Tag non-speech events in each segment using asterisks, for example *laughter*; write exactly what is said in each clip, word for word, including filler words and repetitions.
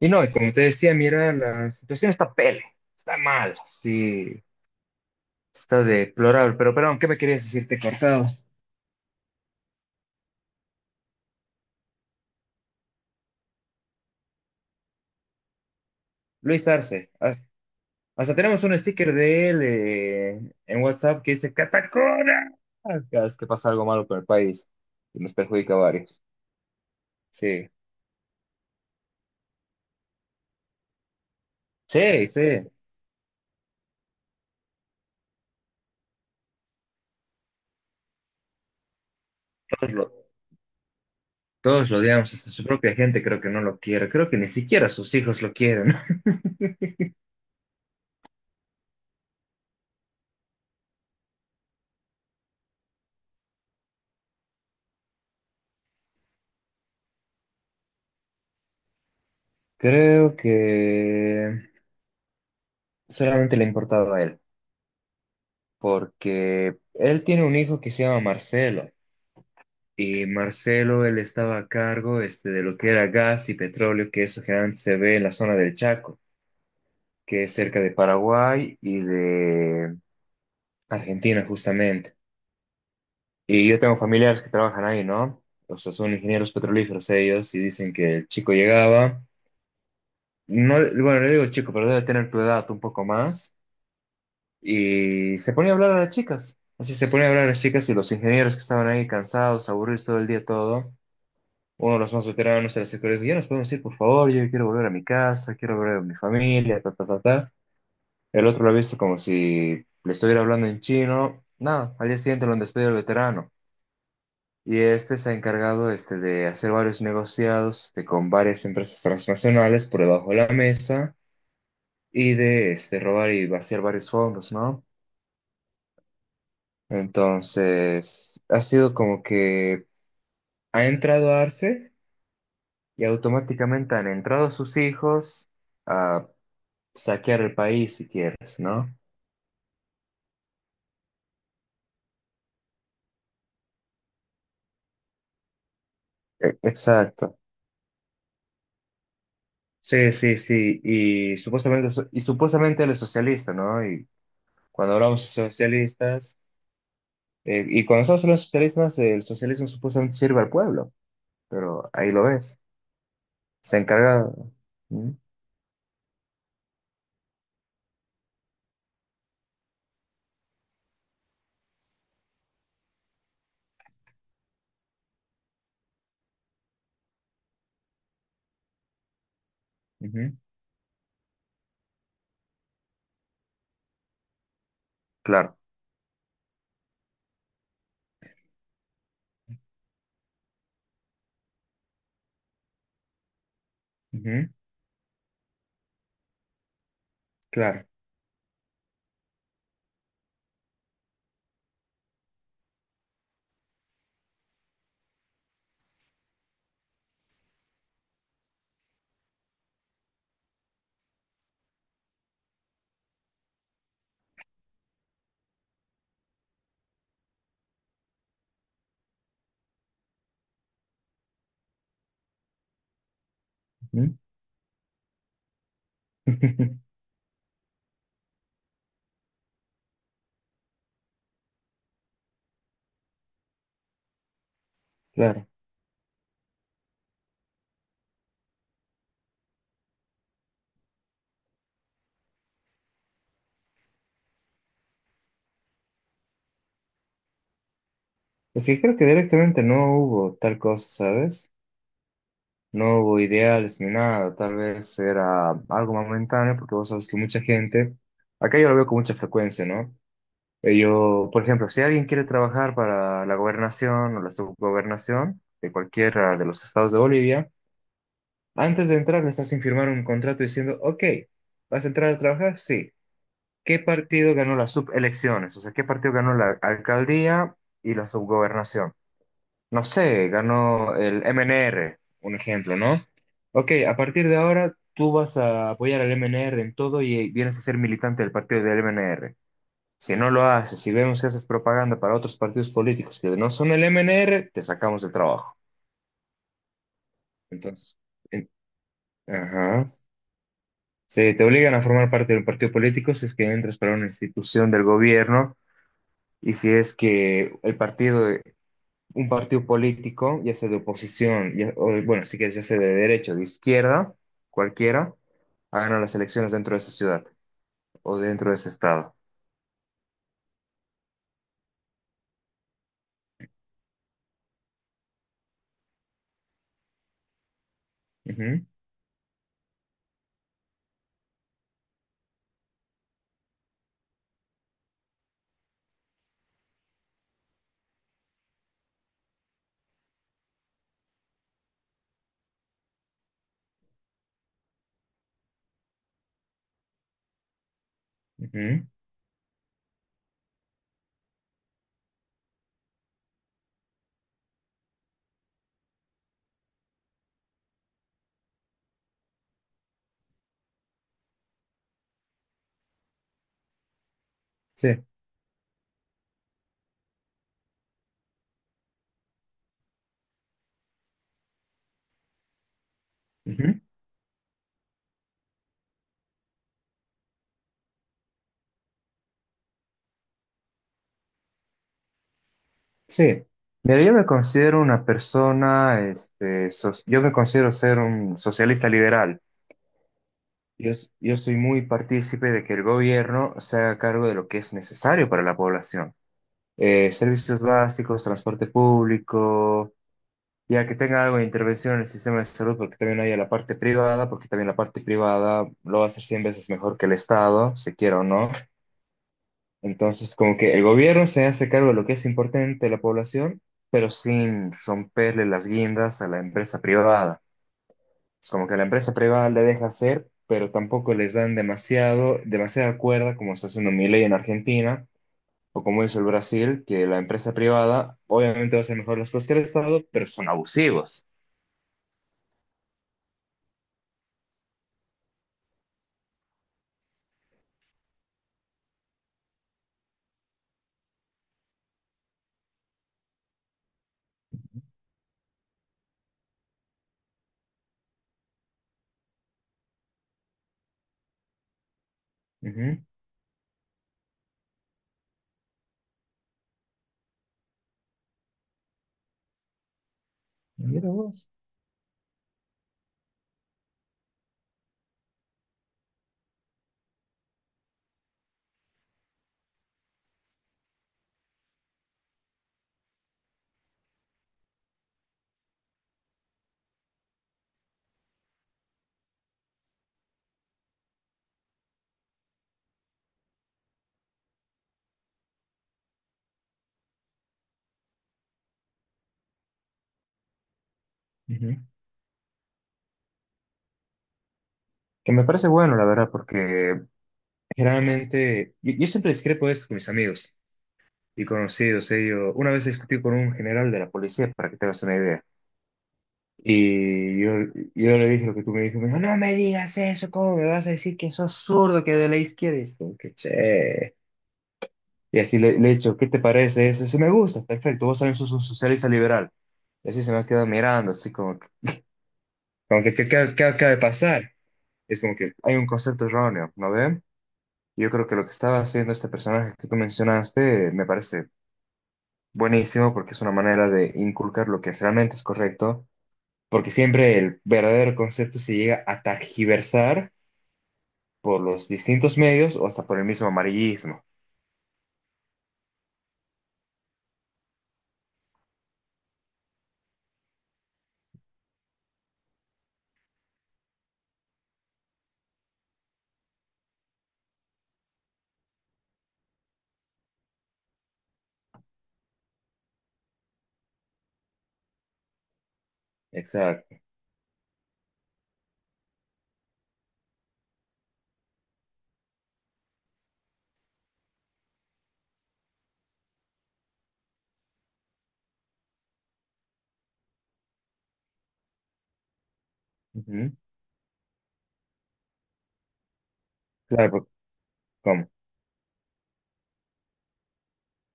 Y no, y como te decía, mira, la situación está pele, está mal, sí, está deplorable. Pero perdón, ¿qué me querías decir decirte cortado? Luis Arce, has- hasta tenemos un sticker de él eh, en WhatsApp que dice Catacora. Cada vez que pasa algo malo con el país y nos perjudica a varios. Sí, sí, sí, todos lo, todos lo odiamos, hasta su propia gente creo que no lo quiere, creo que ni siquiera sus hijos lo quieren. *laughs* Creo que solamente le importaba a él. Porque él tiene un hijo que se llama Marcelo y Marcelo él estaba a cargo este, de lo que era gas y petróleo, que eso generalmente se ve en la zona del Chaco, que es cerca de Paraguay y de Argentina justamente. Y yo tengo familiares que trabajan ahí, ¿no? O sea, son ingenieros petrolíferos ellos y dicen que el chico llegaba, no, bueno, le digo chico, pero debe tener tu edad un poco más. Y se ponía a hablar a las chicas. Así se ponía a hablar a las chicas y los ingenieros que estaban ahí cansados, aburridos todo el día, todo. Uno de los más veteranos de la secundaria dijo, ya nos podemos ir, por favor, yo quiero volver a mi casa, quiero volver a mi familia, ta, ta, ta, ta. El otro lo ha visto como si le estuviera hablando en chino. Nada, al día siguiente lo han despedido el veterano. Y este se ha encargado este, de hacer varios negociados este, con varias empresas transnacionales por debajo de la mesa y de este, robar y vaciar varios fondos, ¿no? Entonces, ha sido como que ha entrado Arce y automáticamente han entrado sus hijos a saquear el país, si quieres, ¿no? E- Exacto. Sí, sí, sí. Y supuestamente, so- y supuestamente él es socialista, ¿no? Y cuando hablamos de socialistas, eh, y cuando estamos hablando de socialistas, el socialismo supuestamente sirve al pueblo, pero ahí lo ves. Se encarga. Mm. Ujú. Claro. Ujú. Claro. Ujú. *laughs* Claro. Es que creo que directamente no hubo tal cosa, ¿sabes? No hubo ideales ni nada, tal vez era algo momentáneo, porque vos sabes que mucha gente, acá yo lo veo con mucha frecuencia, ¿no? Eh, yo, por ejemplo, si alguien quiere trabajar para la gobernación o la subgobernación de cualquiera de los estados de Bolivia, antes de entrar le estás sin firmar un contrato diciendo, ok, ¿vas a entrar a trabajar? Sí. ¿Qué partido ganó las subelecciones? O sea, ¿qué partido ganó la alcaldía y la subgobernación? No sé, ganó el M N R, un ejemplo, ¿no? Ok, a partir de ahora tú vas a apoyar al M N R en todo y vienes a ser militante del partido del M N R. Si no lo haces, si vemos que haces propaganda para otros partidos políticos que no son el M N R, te sacamos del trabajo. Entonces, en- ajá. Sí, te obligan a formar parte de un partido político si es que entras para una institución del gobierno y si es que el partido un partido político, ya sea de oposición, ya- o de- bueno, si quieres, ya sea de derecha o de izquierda, cualquiera, hagan las elecciones dentro de esa ciudad o dentro de ese estado. Ujú, ujú, sí, ujú, sí. Mira, yo me considero una persona, este, so- yo me considero ser un socialista liberal. Yo, s- yo soy muy partícipe de que el gobierno se haga cargo de lo que es necesario para la población. Eh, servicios básicos, transporte público, ya que tenga algo de intervención en el sistema de salud, porque también haya la parte privada, porque también la parte privada lo va a hacer cien veces mejor que el Estado, se quiera o no. Entonces, como que el gobierno se hace cargo de lo que es importante de la población, pero sin romperle las guindas a la empresa privada. Es como que la empresa privada le deja hacer, pero tampoco les dan demasiado, demasiada cuerda, como está haciendo Milei en Argentina, o como hizo el Brasil, que la empresa privada obviamente va a hacer mejor las cosas que el Estado, pero son abusivos. Ujú. Mira vos. Ujú. Que me parece bueno, la verdad, porque generalmente yo, yo siempre discrepo esto con mis amigos y conocidos. Eh, yo- una vez discutí con un general de la policía, para que te hagas una idea, y yo, yo le dije lo que tú me dijiste, me dijo, no me digas eso, ¿cómo me vas a decir que sos zurdo, que de la izquierda? Y es como que, che. Y así le, le he dicho, ¿qué te parece eso? Si me gusta, perfecto, vos también sos un socialista liberal. Y así se me ha quedado mirando, así como que, como que, ¿qué, qué- qué acaba de pasar? Es como que hay un concepto erróneo, ¿no ve? Yo creo que lo que estaba haciendo este personaje que tú mencionaste eh, me parece buenísimo porque es una manera de inculcar lo que realmente es correcto, porque siempre el verdadero concepto se llega a tergiversar por los distintos medios o hasta por el mismo amarillismo. Exacto. Ujú. Claro, porque- ¿cómo?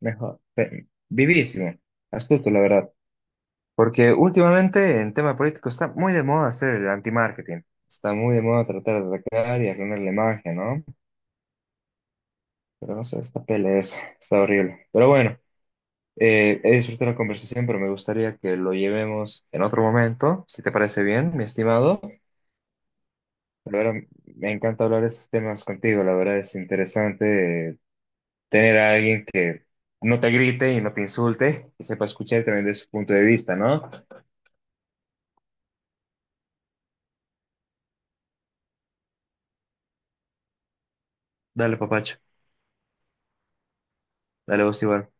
Mejor. Pe- Vivísimo. Astuto, la verdad. Porque últimamente en tema político está muy de moda hacer el anti-marketing. Está muy de moda tratar de atacar y arruinar la imagen, ¿no? Pero no sé, esta pelea es- está horrible. Pero bueno, eh, he disfrutado la conversación, pero me gustaría que lo llevemos en otro momento, si te parece bien, mi estimado. Pero ahora me encanta hablar de estos temas contigo, la verdad es interesante eh, tener a alguien que no te grite y no te insulte, que sepa escuchar también de su punto de vista, ¿no? Dale, papacho, dale vos igual.